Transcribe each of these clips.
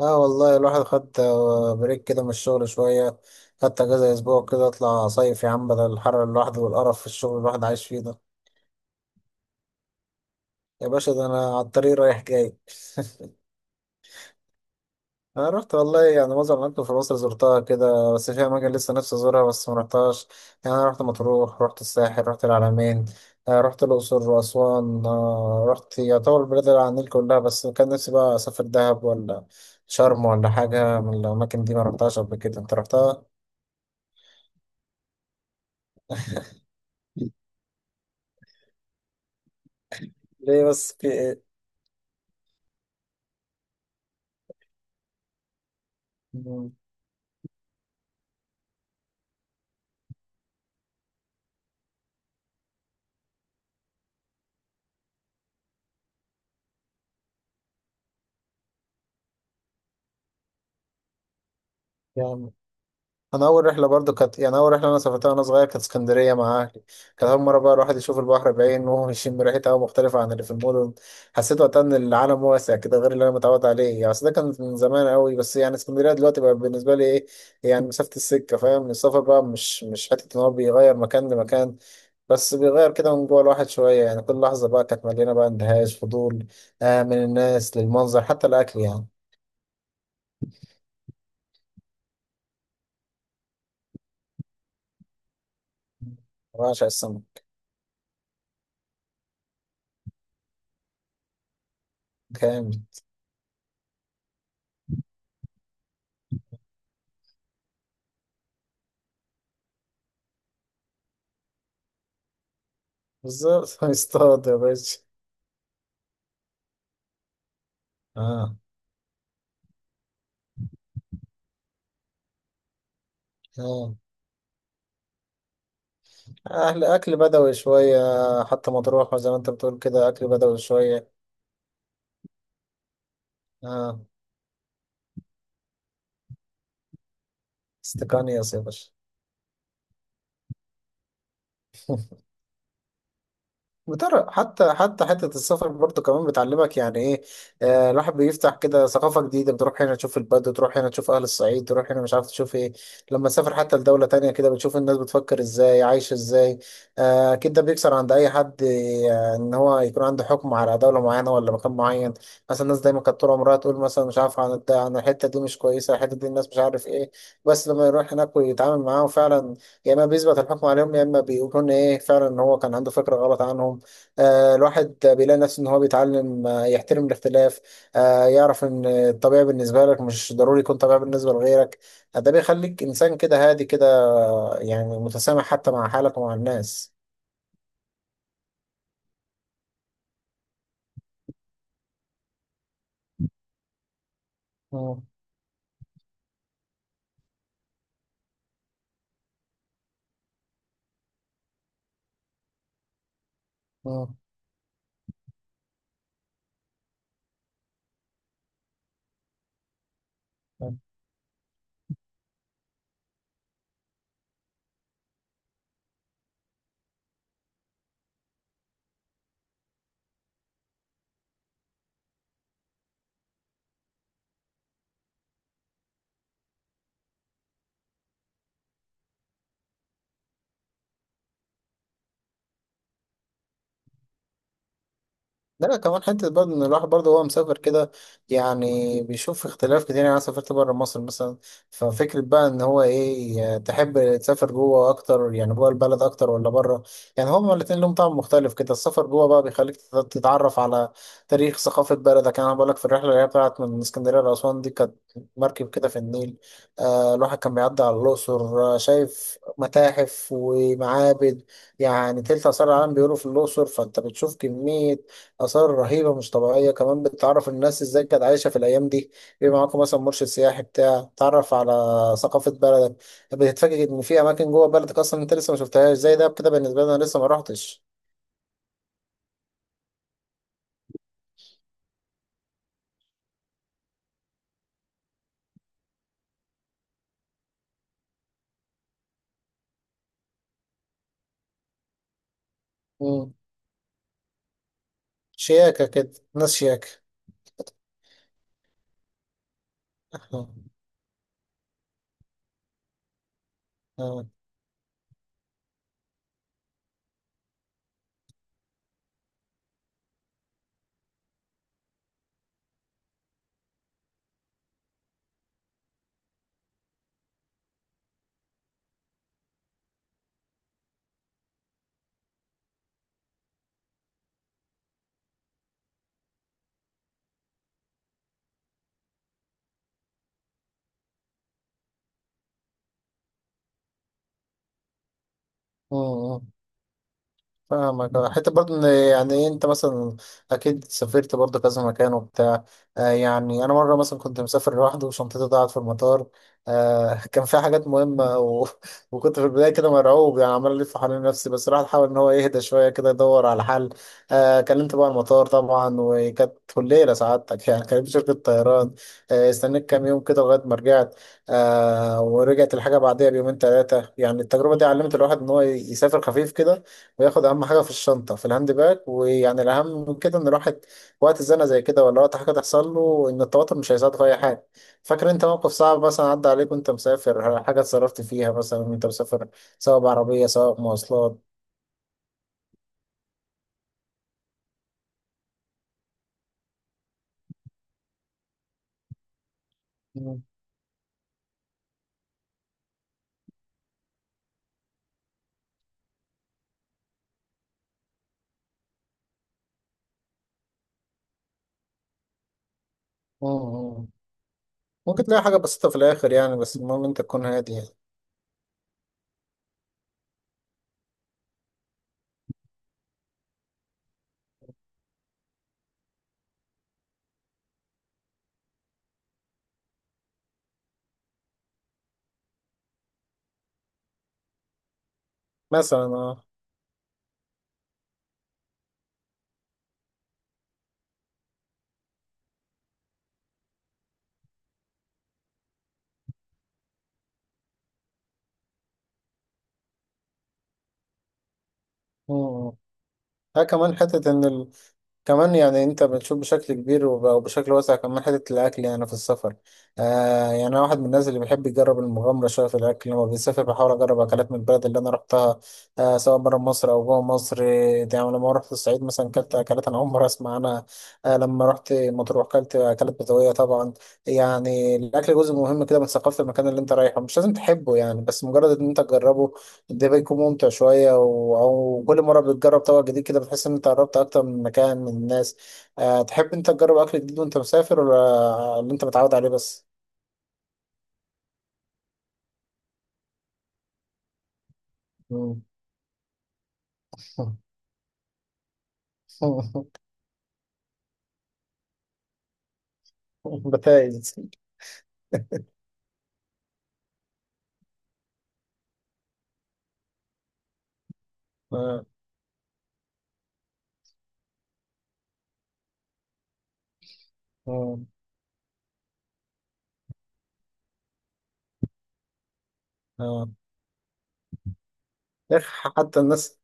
اه والله الواحد خد بريك كده من الشغل شوية. خدت اجازة اسبوع كده اطلع صيف يا عم، بدل الحر اللي الواحد والقرف في الشغل اللي الواحد عايش فيه ده. يا باشا، ده انا على الطريق رايح جاي. انا رحت والله يعني معظم الاماكن في مصر زرتها كده، بس في اماكن لسه نفسي ازورها بس ما رحتهاش. يعني انا رحت مطروح، رحت الساحل، رحت العلمين. رحت الاقصر واسوان. رحت يعتبر البلاد اللي على النيل كلها، بس كان نفسي بقى اسافر دهب ولا شرم ولا حاجة من الاماكن دي ما رحتهاش قبل كده. انت رحتها؟ ليه بس، في ايه؟ مم. يعني انا اول رحله برضو كانت، يعني اول رحله انا سافرتها وانا صغير، كانت اسكندريه مع اهلي. كانت اول مره بقى الواحد يشوف البحر بعينه وهو يشم ريحه هوا مختلفه عن اللي في المدن. حسيت وقتها ان العالم واسع كده غير اللي انا متعود عليه يعني، بس ده كان من زمان قوي. بس يعني اسكندريه دلوقتي بقى بالنسبه لي ايه؟ يعني مسافه السكه، فاهم؟ السفر بقى مش حته ان هو بيغير مكان لمكان، بس بيغير كده من جوه الواحد شويه. يعني كل لحظه بقى كانت مليانه بقى اندهاش فضول، من الناس للمنظر حتى الاكل يعني. بعشق السمك. جامد. بالظبط. يصطاد يا باشا. اه. اه، اهل اكل بدوي شويه. حتى مطروح زي ما انت بتقول كده اكل بدوي شويه. اه، استقانية يا باشا. حتى حتة السفر برضه كمان بتعلمك يعني ايه. الواحد بيفتح كده ثقافة جديدة، بتروح هنا تشوف البدو، تروح هنا تشوف أهل الصعيد، تروح هنا مش عارف تشوف ايه. لما تسافر حتى لدولة تانية كده بتشوف الناس بتفكر ازاي، عايشة ازاي. أكيد ده بيكسر عند أي حد إن هو يكون عنده حكم على دولة معينة ولا مكان معين. مثلا الناس دايما كانت طول عمرها تقول مثلا مش عارف عن عن الحتة دي، مش كويسة الحتة دي، الناس مش عارف ايه. بس لما يروح هناك ويتعامل معاهم فعلا، يا إما بيثبت الحكم عليهم يا إما بيكون ايه فعلا إن هو كان عنده فكرة غلط عنهم. الواحد بيلاقي نفسه ان هو بيتعلم، يحترم الاختلاف. يعرف ان الطبيعي بالنسبه لك مش ضروري يكون طبيعي بالنسبه لغيرك. ده بيخليك انسان كده هادي كده، يعني متسامح حتى مع حالك ومع الناس. مم. مم. لا لا، كمان حتة برضه إن الواحد برضه هو مسافر كده يعني بيشوف اختلاف كتير. يعني أنا سافرت بره مصر مثلا. ففكرة بقى إن هو إيه، تحب تسافر جوه أكتر، يعني جوه البلد أكتر، ولا بره؟ يعني هما الاتنين لهم طعم مختلف كده. السفر جوه بقى بيخليك تتعرف على تاريخ ثقافة بلدك. يعني أنا بقولك، في الرحلة اللي هي بتاعت من اسكندرية لأسوان دي، كانت مركب كده في النيل. الواحد كان بيعدي على الأقصر، شايف متاحف ومعابد. يعني تلت آثار العالم بيقولوا في الأقصر، فأنت بتشوف كمية آثار رهيبة مش طبيعية. كمان بتعرف الناس ازاي كانت عايشة في الأيام دي. بيبقى معاكم مثلا مرشد سياحي بتاع تعرف على ثقافة بلدك. بتتفاجئ إن في أماكن جوه بلدك أصلا أنت لسه ما شفتهاش، زي ده كده بالنسبة لي أنا لسه ما رحتش. مم. شياكة كده، ناس شياكة. آه. آه. آه. فاهمك. حتى برضه ان، يعني إيه، انت مثلا اكيد سافرت برضه كذا مكان وبتاع. يعني انا مره مثلا كنت مسافر لوحدي وشنطتي ضاعت في المطار. كان فيها حاجات مهمه وكنت في البدايه كده مرعوب، يعني عمال الف حوالين نفسي، بس الواحد حاول ان هو يهدى شويه كده يدور على حل. كلمت بقى المطار طبعا، وكانت كلية سعادتك. يعني كلمت شركه طيران. استنيت كام يوم كده لغايه ما رجعت. ورجعت الحاجه بعدها بيومين ثلاثه. يعني التجربه دي علمت الواحد ان هو يسافر خفيف كده، وياخد اهم حاجه في الشنطه في الهاند باج. ويعني الاهم من كده ان الواحد وقت زنقه زي كده ولا وقت حاجه تحصل له، ان التوتر مش هيساعده في اي حاجه. فاكر انت موقف صعب مثلا عدى عليك وانت مسافر، حاجه اتصرفت فيها مثلا وانت مسافر، سواء بعربيه سواء مواصلات؟ مم. مم. ممكن تلاقي حاجه بسيطه في الاخر يعني، بس المهم انت تكون هادي يعني. مثلا، اه. مم. ها، كمان حتة إن. كمان يعني انت بتشوف بشكل كبير وبشكل واسع، كمان حتة الاكل يعني في السفر. يعني انا واحد من الناس اللي بيحب يجرب المغامرة شوية في الاكل، لما بيسافر بحاول اجرب اكلات من البلد اللي انا رحتها، سواء بره مصر او جوه مصر. يعني لما رحت الصعيد مثلا كلت اكلات انا اول مرة اسمع عنها. لما رحت مطروح كلت اكلات بدوية طبعا. يعني الاكل جزء مهم كده من ثقافة المكان اللي انت رايحه، مش لازم تحبه يعني بس مجرد ان انت تجربه ده بيكون ممتع شوية أو كل مرة بتجرب طبق جديد كده بتحس إن أنت قربت أكتر من مكان، من الناس. تحب أنت تجرب أكل جديد وأنت مسافر ولا اللي أنت متعود عليه بس؟ مم. بتايز. آه. آه. آه. يا أخي. حتى الناس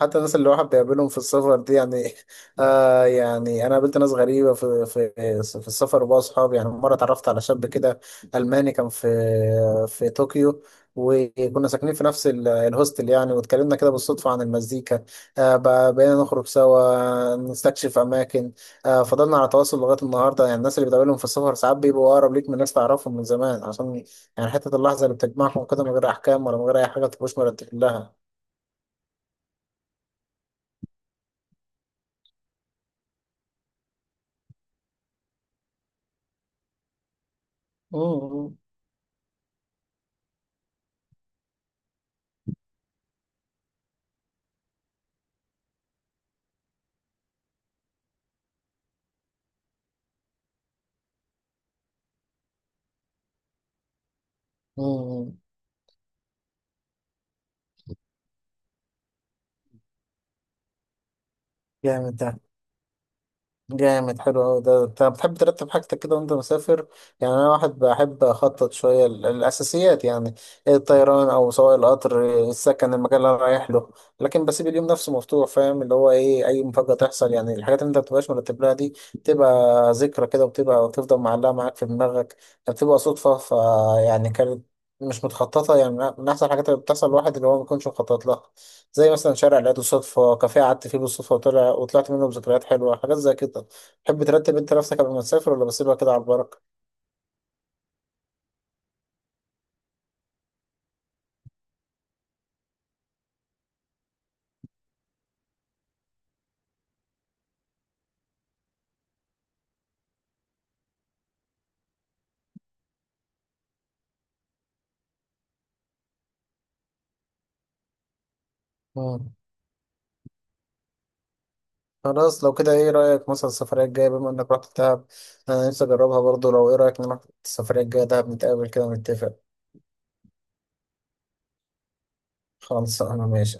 حتى الناس اللي الواحد بيقابلهم في السفر دي يعني. يعني انا قابلت ناس غريبه في السفر، وبقى اصحاب. يعني مره اتعرفت على شاب كده الماني، كان في طوكيو. وكنا ساكنين في نفس الهوستل يعني. واتكلمنا كده بالصدفه عن المزيكا. بقينا نخرج سوا نستكشف اماكن. فضلنا على تواصل لغايه النهارده. يعني الناس اللي بتقابلهم في السفر ساعات بيبقوا اقرب ليك من ناس تعرفهم من زمان، عشان يعني حته اللحظه اللي بتجمعهم كده من غير احكام، ولا من غير اي حاجه تبقوش مرتب لها. مم. مم. جامد ده. جامد حلو أوي ده. أنت بتحب ترتب حاجتك كده وأنت مسافر؟ يعني أنا واحد بحب أخطط شوية الأساسيات يعني، الطيران أو سواء القطر، السكن، المكان اللي أنا رايح له. لكن بسيب اليوم نفسه مفتوح، فاهم؟ اللي هو إيه، أي مفاجأة تحصل. يعني الحاجات اللي أنت مبتبقاش مرتب لها دي بتبقى ذكرى كده، وبتبقى وتفضل معلقة معاك في دماغك. بتبقى صدفة، فيعني كانت مش متخططة يعني. من أحسن الحاجات اللي بتحصل الواحد اللي هو ما بيكونش مخطط لها. زي مثلا شارع لقيته صدفة، كافيه قعدت فيه بالصدفة وطلعت منه بذكريات حلوة، حاجات زي كده. تحب ترتب انت نفسك قبل ما تسافر، ولا بسيبها كده على البركة؟ مم. خلاص لو كده، ايه رأيك مثلا السفرية الجاية، بما انك رحت دهب انا نفسي اجربها برضو. لو ايه رأيك نروح السفرية الجاية دهب، نتقابل كده ونتفق. خلاص انا ماشي.